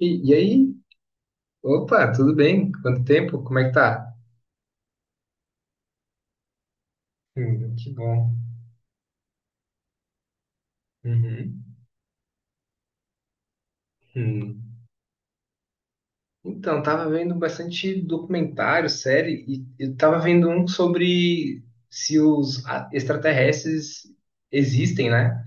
E aí? Opa, tudo bem? Quanto tempo? Como é que tá? Que bom. Uhum. Hum. Então, tava vendo bastante documentário, série, e eu tava vendo um sobre se os extraterrestres existem, né?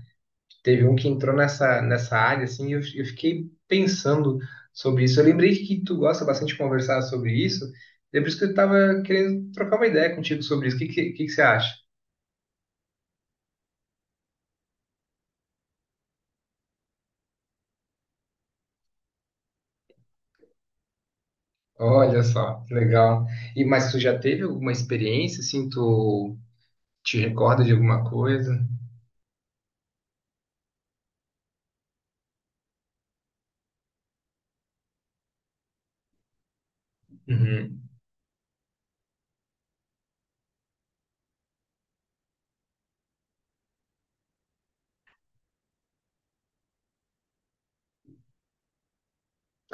Teve um que entrou nessa área, assim, e eu fiquei pensando sobre isso. Eu lembrei que tu gosta bastante de conversar sobre isso, e é por isso que eu tava querendo trocar uma ideia contigo sobre isso. O que que você acha? Olha só, que legal. E mas tu já teve alguma experiência assim, tu te recorda de alguma coisa? Uhum.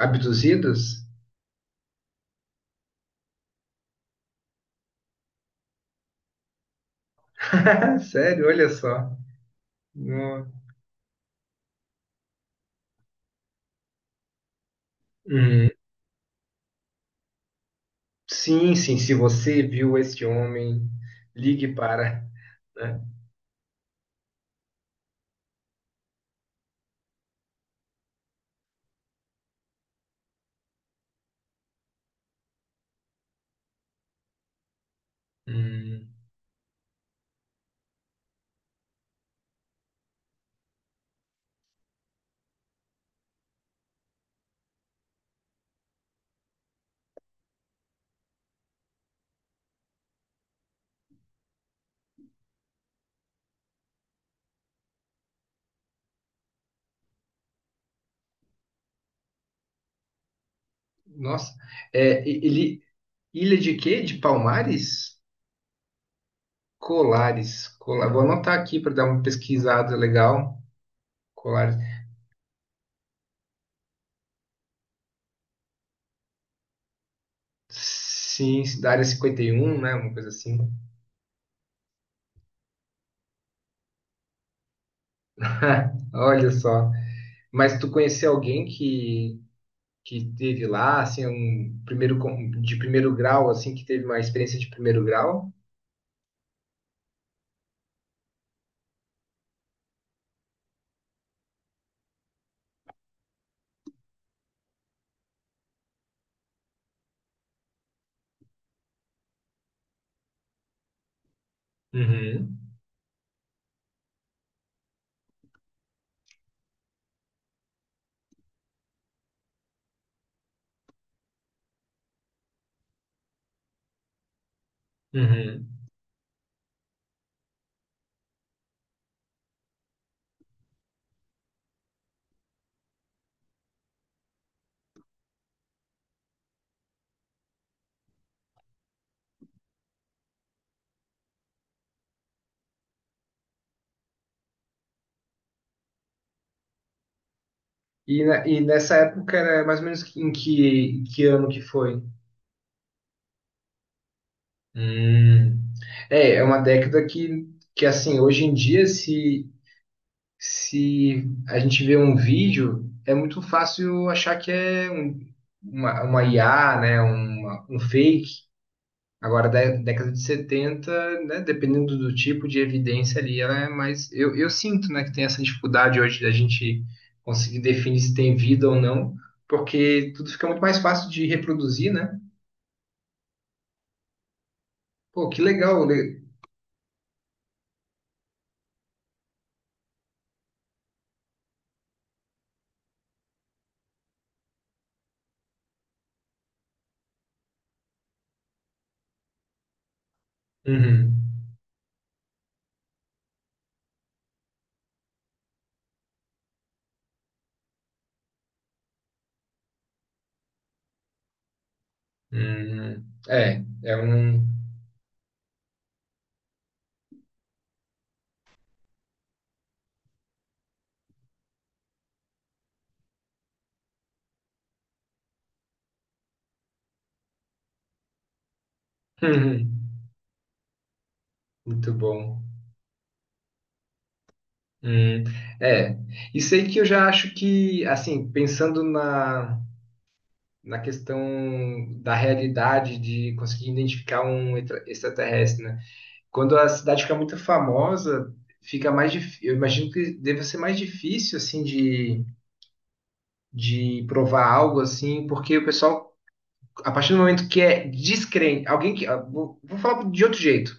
Abduzidos? Sério, olha só. No- Uhum. Sim, sim, se você viu este homem, ligue para, né? Hum. Nossa, é, ilha de quê? De Palmares? Colares. Cola- Vou anotar aqui para dar uma pesquisada legal. Colares. Sim, da área 51, né? Uma coisa assim. Olha só. Mas tu conhecia alguém que teve lá, assim, um primeiro con- de primeiro grau, assim, que teve uma experiência de primeiro grau? Uhum, uhum. E, na- e nessa época era mais ou menos que- em que ano que foi? Hum. É, é uma década que assim, hoje em dia, se a gente vê um vídeo, é muito fácil achar que é um, uma IA, né? Uma, um fake. Agora, da década de 70, né, dependendo do tipo de evidência ali, ela é mais. Eu sinto, né, que tem essa dificuldade hoje da gente conseguir definir se tem vida ou não, porque tudo fica muito mais fácil de reproduzir, né? Pô, que legal. Le- Uhum. Uhum. É, é um. Uhum. Muito bom. Uhum. É. Isso aí que eu já acho que, assim, pensando na, na questão da realidade de conseguir identificar um extraterrestre, né? Quando a cidade fica muito famosa, fica mais dif... eu imagino que deve ser mais difícil assim de provar algo assim, porque o pessoal, a partir do momento que é descrente, alguém que ah, vou falar de outro jeito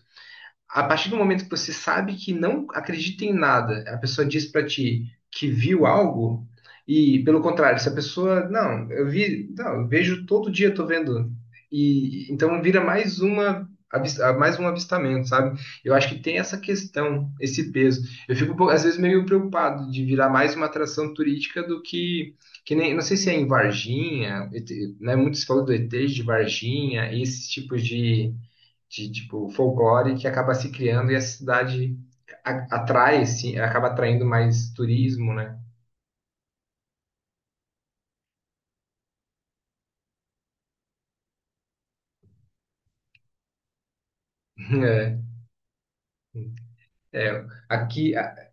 a partir do momento que você sabe que não acredita em nada, a pessoa diz pra ti que viu algo, e pelo contrário, se a pessoa, não, eu vi, não, eu vejo todo dia, tô vendo, e então vira mais uma mais um avistamento, sabe? Eu acho que tem essa questão, esse peso. Eu fico um pouco- às vezes meio preocupado de virar mais uma atração turística do que nem, não sei se é em Varginha, ET, né? Muitos falam do ET de Varginha, esses tipos de tipo folclore que acaba se criando e a cidade atrai, sim, acaba atraindo mais turismo, né? É, é, aqui,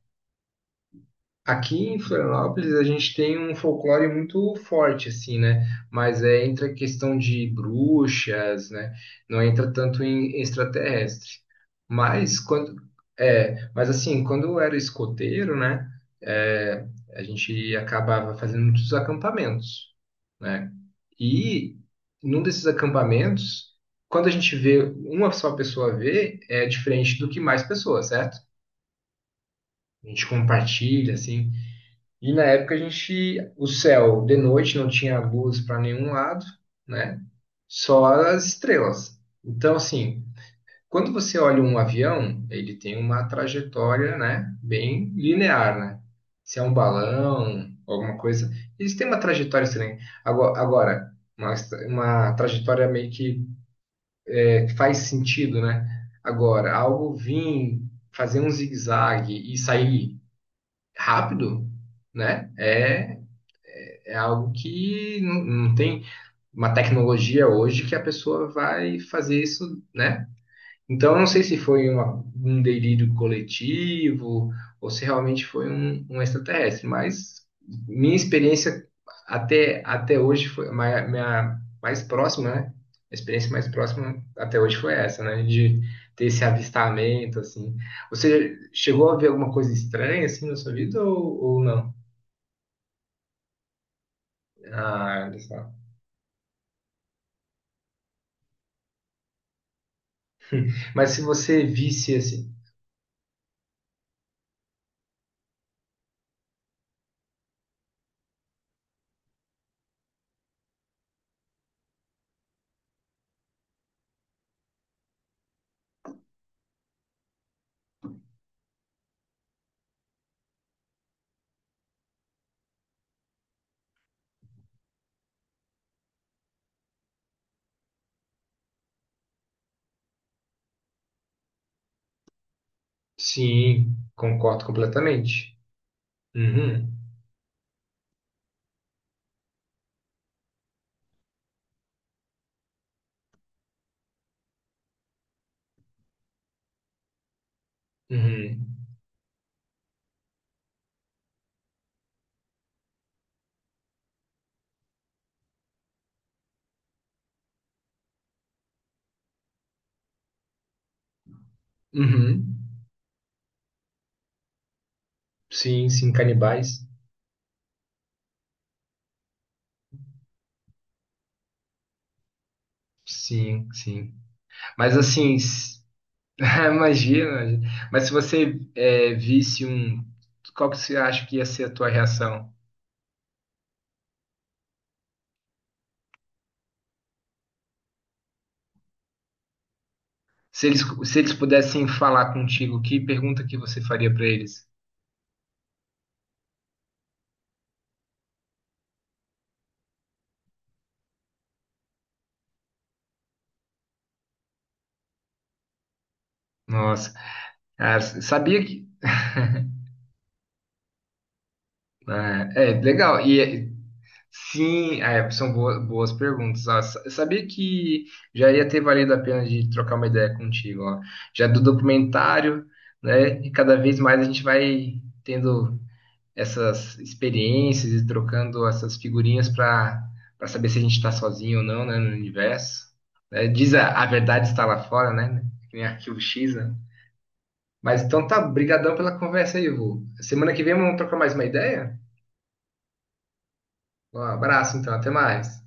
aqui em Florianópolis a gente tem um folclore muito forte, assim, né? Mas é, entra a questão de bruxas, né? Não entra tanto em extraterrestre. Mas quando é, mas assim, quando eu era escoteiro, né? É, a gente acabava fazendo muitos acampamentos né? E num desses acampamentos, quando a gente vê, uma só pessoa vê, é diferente do que mais pessoas, certo? A gente compartilha, assim. E na época a gente, o céu de noite não tinha luz para nenhum lado, né? Só as estrelas. Então, assim, quando você olha um avião, ele tem uma trajetória, né? Bem linear, né? Se é um balão, alguma coisa, eles têm uma trajetória estranha. Agora uma trajetória meio que faz sentido, né? Agora, algo vir fazer um zigue-zague e sair rápido, né? É, é algo que não, não tem uma tecnologia hoje que a pessoa vai fazer isso, né? Então, eu não sei se foi um delírio coletivo ou se realmente foi um, um extraterrestre, mas minha experiência até hoje foi ma- minha mais próxima, né? A experiência mais próxima até hoje foi essa, né? De ter esse avistamento, assim. Você chegou a ver alguma coisa estranha, assim, na sua vida ou não? Ah, olha só. Mas se você visse, assim... Sim, concordo completamente. Uhum, uhum, uhum. Sim, sim, canibais. Sim, sim. Mas assim, s- imagina. Mas se você é, visse um, qual que você acha que ia ser a tua reação? Se eles, se eles pudessem falar contigo, que pergunta que você faria para eles? Nossa, cara, sabia que. Ah, É, legal. E é, Sim, é, são boas perguntas. Ah, sa- sabia que já ia ter valido a pena de trocar uma ideia contigo, ó. Já do documentário, né? E cada vez mais a gente vai tendo essas experiências e trocando essas figurinhas para para saber se a gente está sozinho ou não, né, no universo. Né? Diz a verdade está lá fora, né? Que nem Arquivo X, né? Mas então tá, brigadão pela conversa aí, Ivo. Semana que vem vamos trocar mais uma ideia? Um abraço, então, até mais.